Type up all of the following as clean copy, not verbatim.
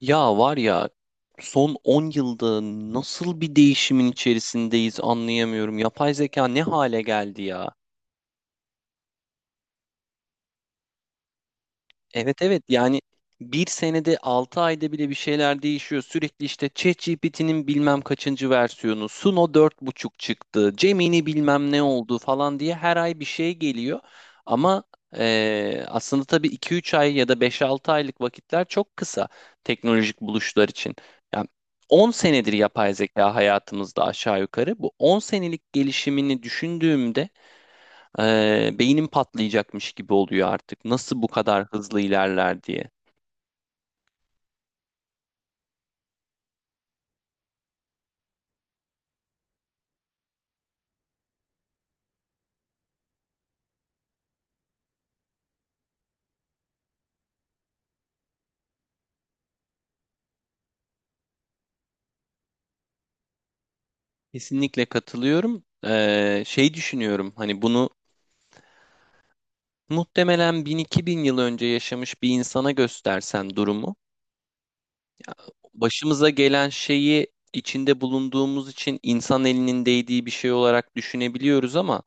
Ya var ya son 10 yılda nasıl bir değişimin içerisindeyiz anlayamıyorum. Yapay zeka ne hale geldi ya? Evet, evet, yani bir senede 6 ayda bile bir şeyler değişiyor. Sürekli işte ChatGPT'nin bilmem kaçıncı versiyonu, Suno dört buçuk çıktı, Gemini bilmem ne oldu falan diye her ay bir şey geliyor. Ama aslında tabii iki üç ay ya da beş altı aylık vakitler çok kısa teknolojik buluşlar için. Yani 10 senedir yapay zeka hayatımızda aşağı yukarı. Bu 10 senelik gelişimini düşündüğümde beynim patlayacakmış gibi oluyor artık. Nasıl bu kadar hızlı ilerler diye. Kesinlikle katılıyorum. Şey düşünüyorum, hani bunu muhtemelen 1000-2000 yıl önce yaşamış bir insana göstersen durumu, başımıza gelen şeyi, içinde bulunduğumuz için insan elinin değdiği bir şey olarak düşünebiliyoruz ama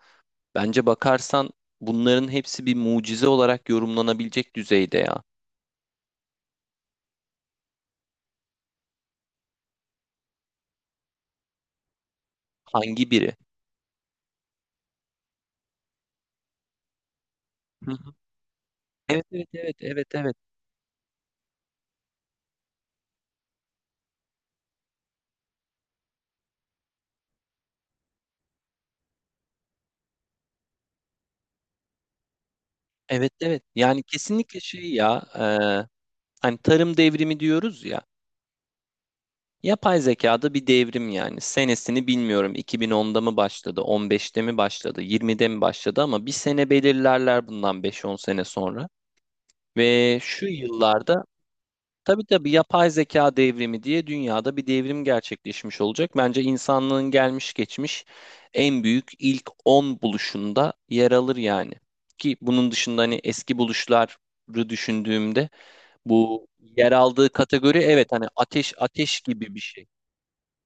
bence bakarsan bunların hepsi bir mucize olarak yorumlanabilecek düzeyde ya. Hangi biri? Hı hı. Evet, evet, evet, evet, evet. Evet, evet, yani kesinlikle şey ya, hani tarım devrimi diyoruz ya, yapay zekada bir devrim yani, senesini bilmiyorum, 2010'da mı başladı, 15'te mi başladı, 20'de mi başladı ama bir sene belirlerler bundan 5-10 sene sonra ve şu yıllarda, tabii tabii, yapay zeka devrimi diye dünyada bir devrim gerçekleşmiş olacak. Bence insanlığın gelmiş geçmiş en büyük ilk 10 buluşunda yer alır yani, ki bunun dışında hani eski buluşları düşündüğümde. Bu yer aldığı kategori, evet, hani ateş, ateş gibi bir şey.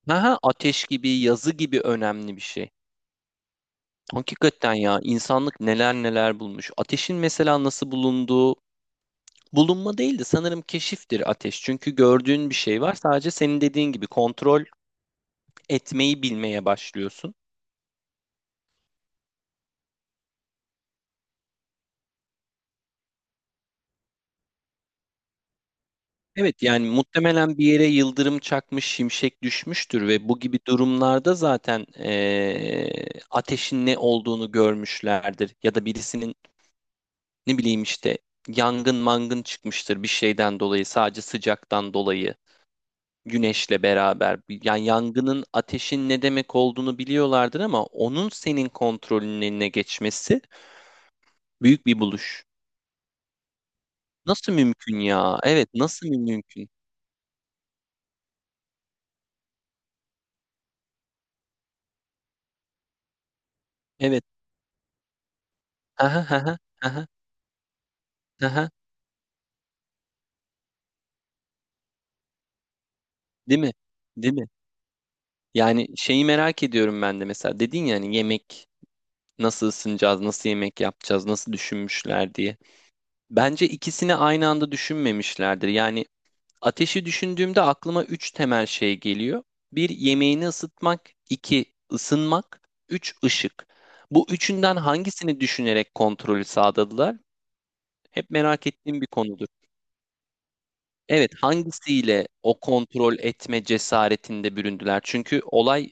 Ha ha, ateş gibi, yazı gibi önemli bir şey. Hakikaten ya, insanlık neler neler bulmuş. Ateşin mesela nasıl bulunduğu, bulunma değildi sanırım, keşiftir ateş. Çünkü gördüğün bir şey var, sadece senin dediğin gibi kontrol etmeyi bilmeye başlıyorsun. Evet yani muhtemelen bir yere yıldırım çakmış, şimşek düşmüştür ve bu gibi durumlarda zaten ateşin ne olduğunu görmüşlerdir ya da birisinin, ne bileyim işte, yangın mangın çıkmıştır bir şeyden dolayı, sadece sıcaktan dolayı, güneşle beraber. Yani yangının, ateşin ne demek olduğunu biliyorlardır ama onun senin kontrolünün eline geçmesi büyük bir buluş. Nasıl mümkün ya? Evet, nasıl mümkün? Evet. Aha, aha, aha, aha. Değil mi? Değil mi? Yani şeyi merak ediyorum ben de, mesela dedin ya, hani yemek, nasıl ısınacağız, nasıl yemek yapacağız, nasıl düşünmüşler diye. Bence ikisini aynı anda düşünmemişlerdir. Yani ateşi düşündüğümde aklıma üç temel şey geliyor. Bir, yemeğini ısıtmak. İki ısınmak. Üç, ışık. Bu üçünden hangisini düşünerek kontrolü sağladılar? Hep merak ettiğim bir konudur. Evet, hangisiyle o kontrol etme cesaretinde büründüler? Çünkü olay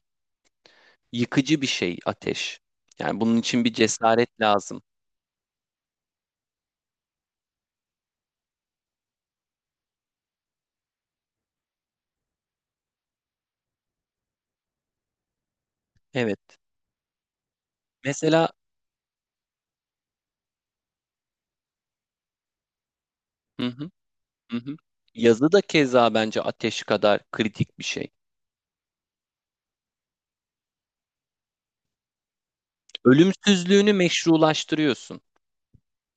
yıkıcı bir şey, ateş. Yani bunun için bir cesaret lazım. Evet. Mesela hı hı, hı hı. Yazı da keza bence ateş kadar kritik bir şey. Ölümsüzlüğünü meşrulaştırıyorsun.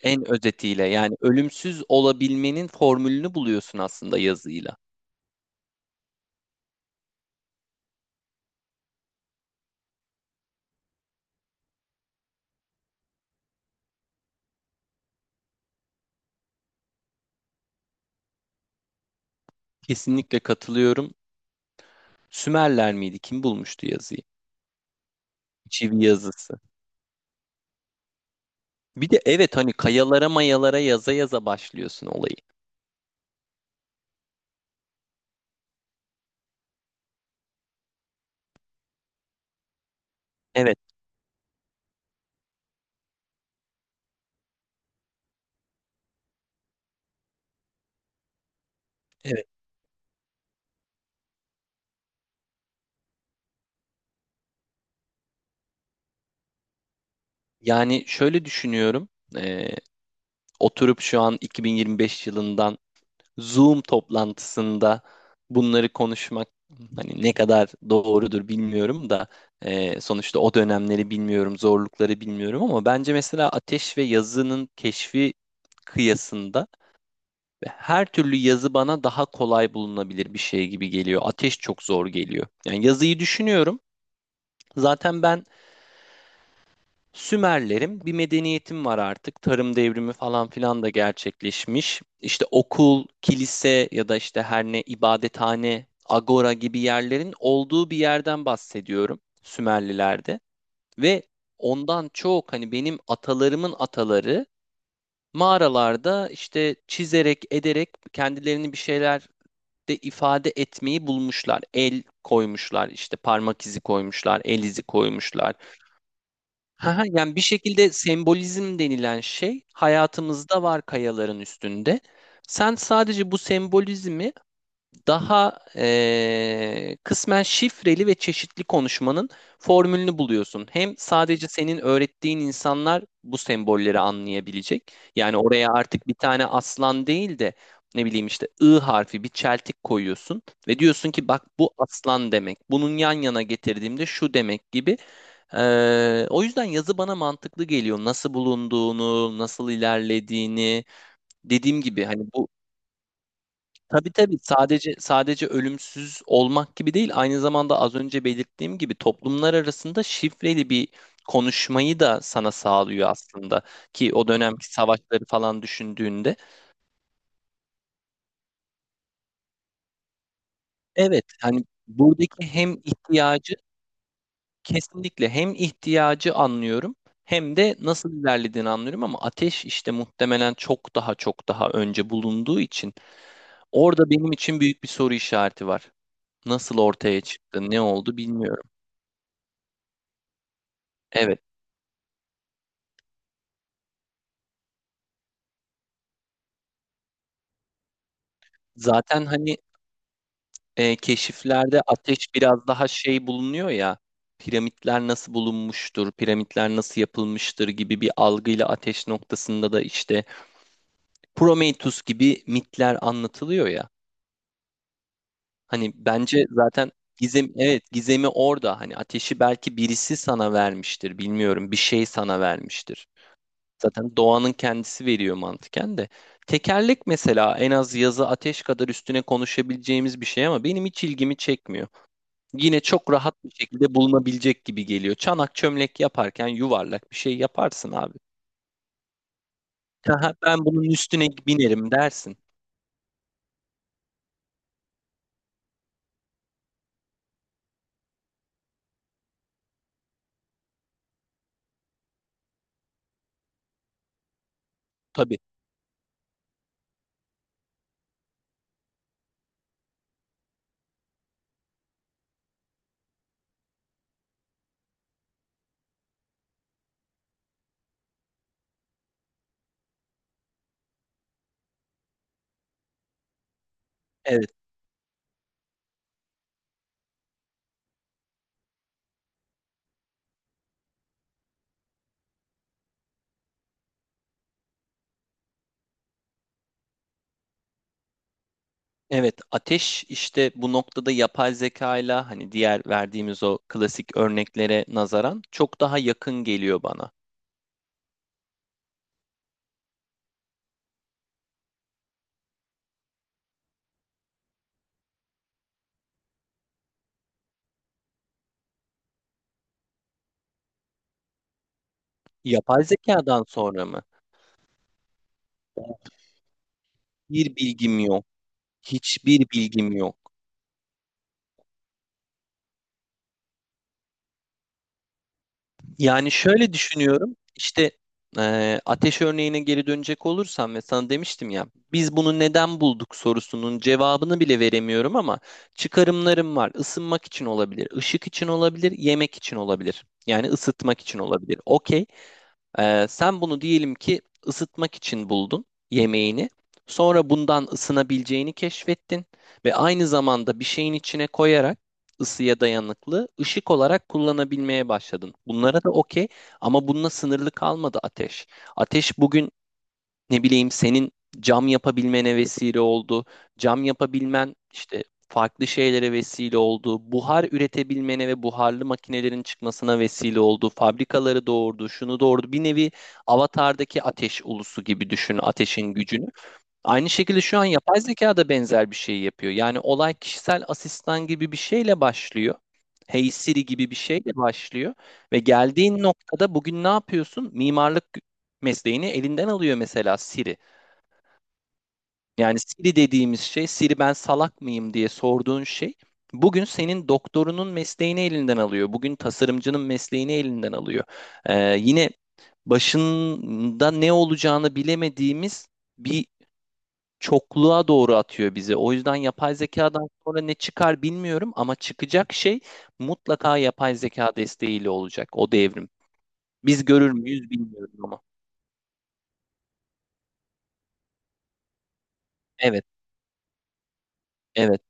En özetiyle, yani ölümsüz olabilmenin formülünü buluyorsun aslında yazıyla. Kesinlikle katılıyorum. Sümerler miydi? Kim bulmuştu yazıyı? Çivi yazısı. Bir de evet, hani kayalara mayalara yaza yaza başlıyorsun olayı. Evet, evet. Yani şöyle düşünüyorum. Ee, Oturup şu an 2025 yılından Zoom toplantısında bunları konuşmak hani ne kadar doğrudur bilmiyorum da, sonuçta o dönemleri bilmiyorum, zorlukları bilmiyorum ama bence mesela ateş ve yazının keşfi kıyasında her türlü yazı bana daha kolay bulunabilir bir şey gibi geliyor. Ateş çok zor geliyor. Yani yazıyı düşünüyorum. Zaten ben Sümerlerim, bir medeniyetim var artık. Tarım devrimi falan filan da gerçekleşmiş. İşte okul, kilise ya da işte her ne ibadethane, agora gibi yerlerin olduğu bir yerden bahsediyorum Sümerlilerde. Ve ondan çok, hani benim atalarımın ataları mağaralarda işte çizerek, ederek kendilerini bir şeyler de ifade etmeyi bulmuşlar. El koymuşlar, işte parmak izi koymuşlar, el izi koymuşlar. Ha, ha, yani bir şekilde sembolizm denilen şey hayatımızda var, kayaların üstünde. Sen sadece bu sembolizmi daha kısmen şifreli ve çeşitli konuşmanın formülünü buluyorsun. Hem sadece senin öğrettiğin insanlar bu sembolleri anlayabilecek. Yani oraya artık bir tane aslan değil de, ne bileyim işte, ı harfi bir çeltik koyuyorsun ve diyorsun ki bak, bu aslan demek. Bunun yan yana getirdiğimde şu demek gibi. O yüzden yazı bana mantıklı geliyor. Nasıl bulunduğunu, nasıl ilerlediğini. Dediğim gibi hani bu, tabii tabii, sadece ölümsüz olmak gibi değil. Aynı zamanda, az önce belirttiğim gibi, toplumlar arasında şifreli bir konuşmayı da sana sağlıyor aslında. Ki o dönemki savaşları falan düşündüğünde. Evet, hani buradaki hem ihtiyacı. Kesinlikle hem ihtiyacı anlıyorum, hem de nasıl ilerlediğini anlıyorum ama ateş işte muhtemelen çok daha çok daha önce bulunduğu için orada benim için büyük bir soru işareti var. Nasıl ortaya çıktı, ne oldu bilmiyorum. Evet, zaten hani, keşiflerde ateş biraz daha şey bulunuyor ya, piramitler nasıl bulunmuştur, piramitler nasıl yapılmıştır gibi bir algıyla ateş noktasında da işte Prometheus gibi mitler anlatılıyor ya. Hani bence zaten gizem, evet, gizemi orada. Hani ateşi belki birisi sana vermiştir, bilmiyorum. Bir şey sana vermiştir. Zaten doğanın kendisi veriyor mantıken de. Tekerlek mesela en az yazı, ateş kadar üstüne konuşabileceğimiz bir şey ama benim hiç ilgimi çekmiyor. Yine çok rahat bir şekilde bulunabilecek gibi geliyor. Çanak çömlek yaparken yuvarlak bir şey yaparsın abi. Aha, ben bunun üstüne binerim dersin. Tabii. Evet. Evet, ateş işte bu noktada yapay zeka ile hani diğer verdiğimiz o klasik örneklere nazaran çok daha yakın geliyor bana. Yapay zekadan sonra mı? Bir bilgim yok. Hiçbir bilgim yok. Yani şöyle düşünüyorum. İşte ateş örneğine geri dönecek olursam ve sana demiştim ya, biz bunu neden bulduk sorusunun cevabını bile veremiyorum ama çıkarımlarım var. Isınmak için olabilir, ışık için olabilir, yemek için olabilir. Yani ısıtmak için olabilir. Okey. Sen bunu diyelim ki ısıtmak için buldun yemeğini. Sonra bundan ısınabileceğini keşfettin ve aynı zamanda bir şeyin içine koyarak ısıya dayanıklı ışık olarak kullanabilmeye başladın. Bunlara da okey ama bununla sınırlı kalmadı ateş. Ateş bugün, ne bileyim, senin cam yapabilmene vesile oldu. Cam yapabilmen işte farklı şeylere vesile oldu. Buhar üretebilmene ve buharlı makinelerin çıkmasına vesile oldu. Fabrikaları doğurdu, şunu doğurdu. Bir nevi Avatar'daki ateş ulusu gibi düşün ateşin gücünü. Aynı şekilde şu an yapay zeka da benzer bir şey yapıyor. Yani olay kişisel asistan gibi bir şeyle başlıyor. Hey Siri gibi bir şeyle başlıyor. Ve geldiğin noktada bugün ne yapıyorsun? Mimarlık mesleğini elinden alıyor mesela Siri. Yani Siri dediğimiz şey, Siri ben salak mıyım diye sorduğun şey, bugün senin doktorunun mesleğini elinden alıyor. Bugün tasarımcının mesleğini elinden alıyor. Yine başında ne olacağını bilemediğimiz bir çokluğa doğru atıyor bizi. O yüzden yapay zekadan sonra ne çıkar bilmiyorum ama çıkacak şey mutlaka yapay zeka desteğiyle olacak o devrim. Biz görür müyüz bilmiyorum ama. Evet, evet.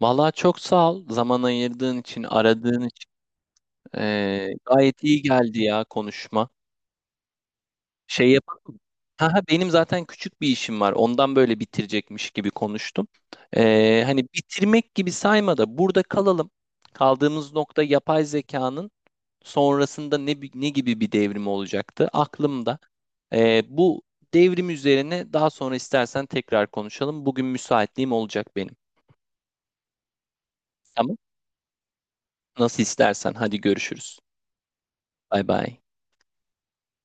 Vallahi çok sağ ol zaman ayırdığın için, aradığın için. Gayet iyi geldi ya konuşma. Şey yapalım mı? Ha, ha, benim zaten küçük bir işim var. Ondan böyle bitirecekmiş gibi konuştum. Hani bitirmek gibi sayma da burada kalalım. Kaldığımız nokta yapay zekanın sonrasında ne ne gibi bir devrim olacaktı aklımda. Bu devrim üzerine daha sonra istersen tekrar konuşalım. Bugün müsaitliğim olacak benim. Tamam. Nasıl istersen. Hadi görüşürüz. Bay bay.